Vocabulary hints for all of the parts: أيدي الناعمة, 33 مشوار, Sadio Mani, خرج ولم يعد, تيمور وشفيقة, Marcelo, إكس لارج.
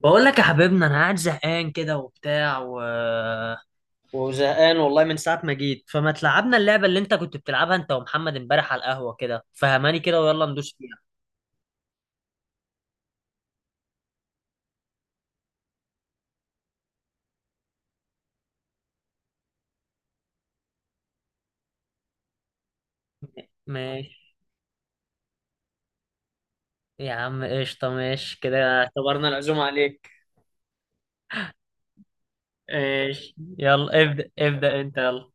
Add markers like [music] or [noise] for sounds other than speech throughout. بقول لك يا حبيبنا، انا قاعد زهقان كده وبتاع وزهقان والله من ساعة ما جيت. فما تلعبنا اللعبة اللي انت كنت بتلعبها انت ومحمد امبارح على القهوة كده، فهماني كده ويلا ندوس فيها. ماشي يا عم قشطة، ماشي كده اعتبرنا العزومة عليك. ماشي، يلا ابدأ ابدأ انت يلا.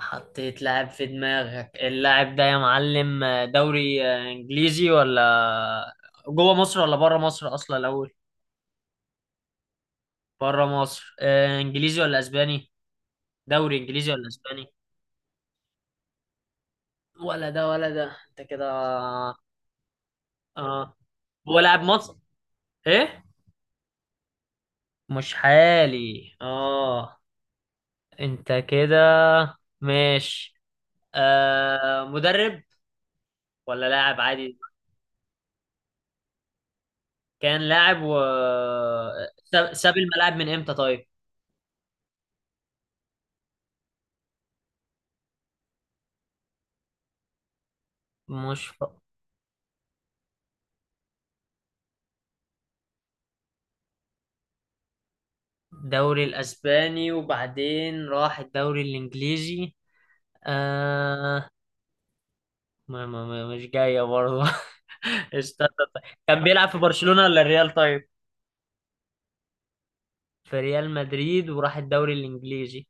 حطيت لاعب في دماغك؟ اللاعب ده يا معلم دوري انجليزي ولا جوه مصر ولا بره مصر اصلا الاول؟ بره مصر. انجليزي ولا اسباني؟ دوري انجليزي ولا اسباني؟ ولا ده ولا ده، انت كده. اه، هو لاعب مصر؟ ايه. مش حالي، اه. انت كده. ماشي. مدرب ولا لاعب عادي؟ كان لاعب ساب الملاعب من امتى طيب؟ مش ف- دوري الاسباني وبعدين راح الدوري الانجليزي. آه. ما ما ما مش جاية برضه [laughs] استنى. طيب. كان بيلعب في برشلونة ولا الريال طيب؟ في ريال مدريد وراح الدوري الانجليزي.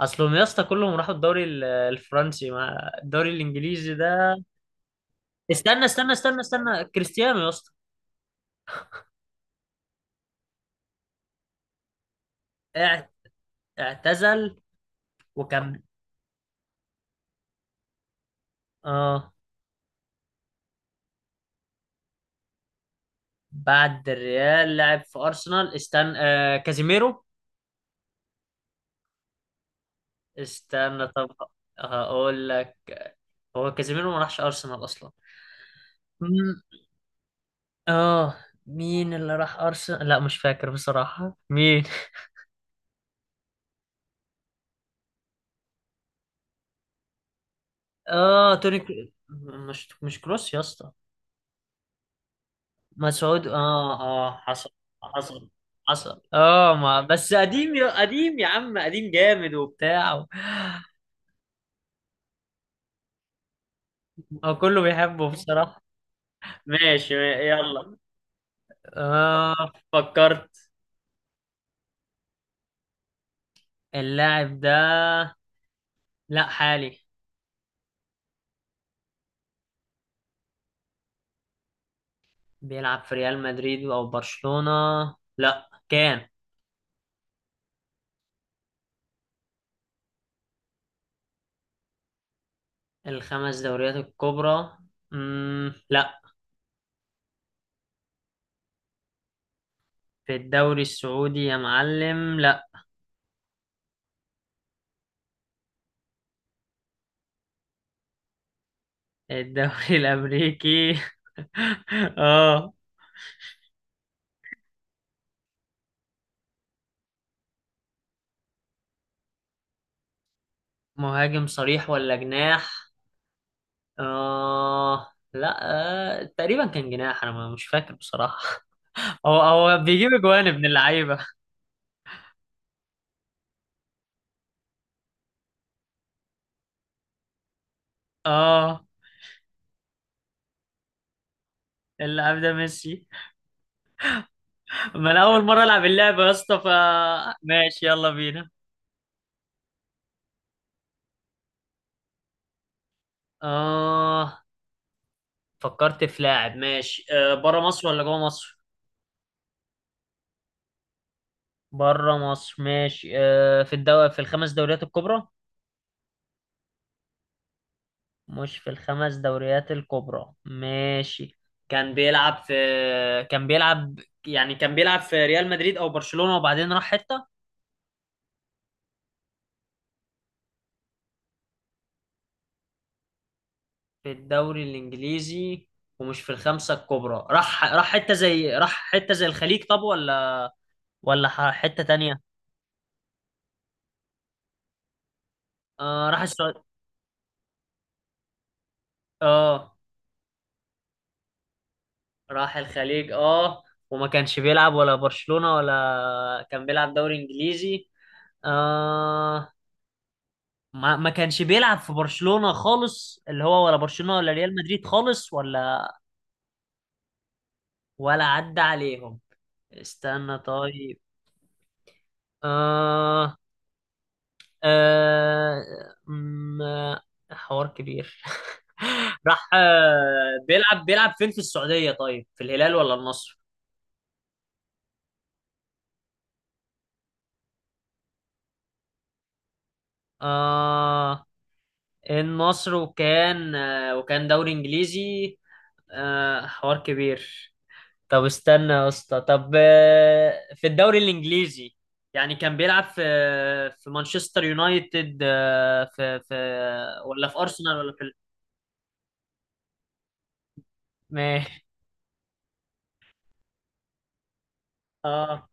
اصلهم يا اسطى كلهم راحوا الدوري الفرنسي مع الدوري الانجليزي ده. استنى استنى استنى استنى، كريستيانو يا اسطى. اع- اعتزل وكمل. اه، بعد الريال لعب في ارسنال. استنى، كازيميرو. استنى طب، هقول لك. هو كازيميرو ما راحش ارسنال اصلا. مم، اه. مين اللي راح ارسنال؟ لا مش فاكر بصراحة مين. اه، مش كروس يا اسطى. مسعود، اه اه. حصل، حصل، حصل. اه، ما بس قديم يا قديم يا عم، قديم جامد وبتاع هو كله بيحبه بصراحة. ماشي يلا. اه، فكرت. اللاعب ده، لا حالي. بيلعب في ريال مدريد او برشلونة، لا كان. الخمس دوريات الكبرى، مم، لا. في الدوري السعودي يا معلم، لا. الدوري الامريكي [laughs] اه. مهاجم صريح ولا جناح؟ لا. آه، تقريبا كان جناح، انا مش فاكر بصراحة. [laughs] هو بيجيب اجوان ابن اللعيبة. اه، اللاعب ده ميسي. ما انا اول مرة العب اللعبة يا اسطى، ماشي يلا بينا. اه، فكرت في لاعب ماشي. بره مصر ولا جوه مصر؟ بره مصر ماشي. في الدوري، في الخمس دوريات الكبرى؟ مش في الخمس دوريات الكبرى ماشي. كان بيلعب في كان بيلعب يعني كان بيلعب في ريال مدريد او برشلونة وبعدين راح حتة. في الدوري الانجليزي ومش في الخمسة الكبرى، راح راح حتة زي الخليج طب، ولا ولا حتة تانية؟ آه، راح السعودية. اه، راح الخليج اه. وما كانش بيلعب ولا برشلونة ولا كان بيلعب دوري انجليزي. آه. ما كانش بيلعب في برشلونة خالص، اللي هو ولا برشلونة ولا ريال مدريد خالص، ولا ولا عدى عليهم. استنى طيب. آه آه م- آه، حوار كبير. [laughs] راح. بيلعب فين؟ في السعودية طيب، في الهلال ولا النصر؟ آه، النصر. وكان دوري انجليزي. آه، حوار كبير. طب استنى يا اسطى، طب، في الدوري الانجليزي يعني كان بيلعب في مانشستر يونايتد، في ولا في ارسنال ولا في ما. اه،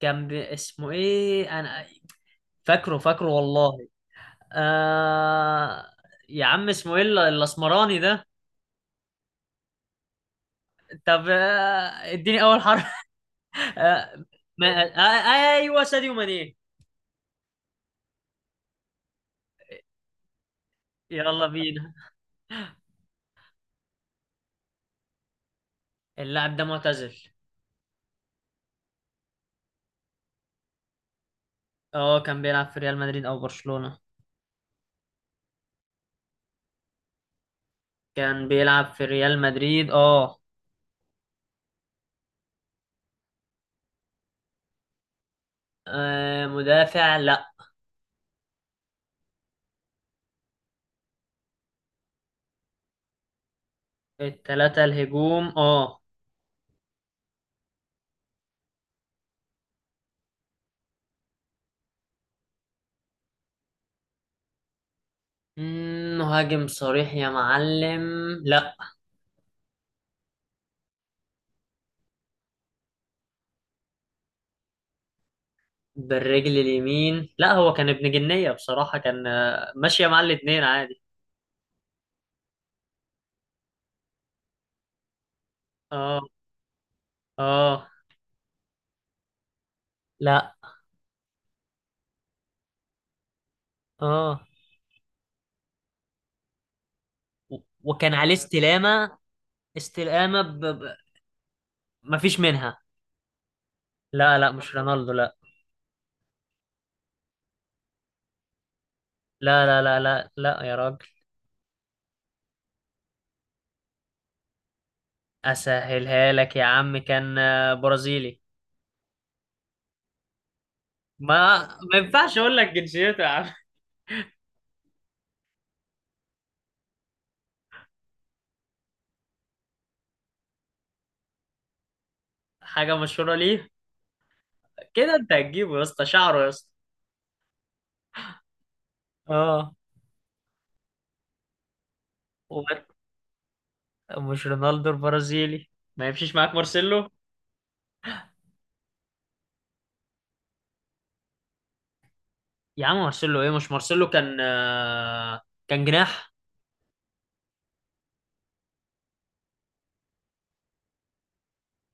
اسمه ايه، انا فاكره فاكره والله. آه... يا عم اسمه ايه الاسمراني ده؟ طب، اديني اول حرف. [laughs] آه... ما... آه... آه، ايوه ساديو ماني. يلا بينا. اللاعب ده معتزل. اه، كان بيلعب في ريال مدريد او برشلونة. كان بيلعب في ريال مدريد اه. مدافع؟ لا. التلاتة الهجوم اه. مم، مهاجم صريح يا معلم؟ لا. بالرجل اليمين؟ لا، هو كان ابن جنية بصراحة، كان ماشية مع الاتنين عادي. اه. اه. لا. اه. و- وكان عليه استلامة. استلامة مفيش منها. لا لا مش رونالدو، لا. لا لا لا لا لا يا راجل. اسهلها لك يا عم، كان برازيلي. ما ينفعش اقول لك جنسيته يا عم. حاجه مشهوره ليه. كده انت هتجيبه يا اسطى، شعره يا اسطى. اه. وب- مش رونالدو البرازيلي. ما يمشيش معاك مارسيلو؟ يا عم مارسيلو ايه، مش مارسيلو كان كان جناح.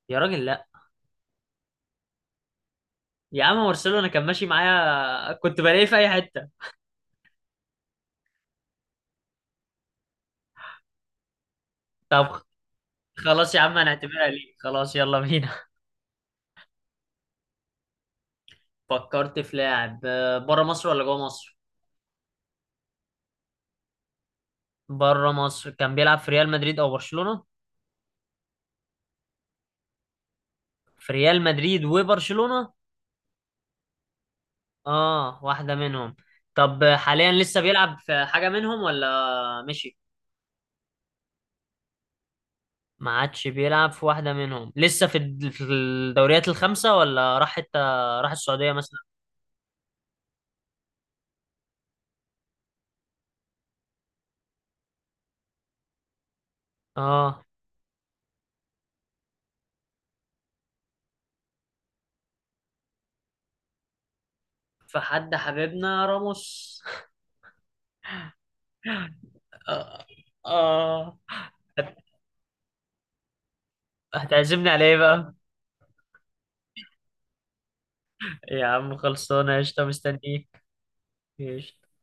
يا راجل لا. يا عم مارسيلو انا كان ماشي معايا، كنت بلاقيه في اي حته. طب خلاص يا عم، هنعتبرها ليه؟ خلاص يلا بينا. [laughs] فكرت في لاعب. بره مصر ولا جوه مصر؟ بره مصر. كان بيلعب في ريال مدريد او برشلونه؟ في ريال مدريد وبرشلونه. اه، واحدة منهم. طب حاليا لسه بيلعب في حاجة منهم ولا مشي؟ ما عادش بيلعب في واحدة منهم، لسه في في الدوريات الخمسة، ولا راح حتى؟ راح السعودية مثلا. اه، فحد حبيبنا راموس. اه. آه. هت- هتعزمني على ايه بقى؟ يا عم خلصانة قشطة، مستنيك. قشطة.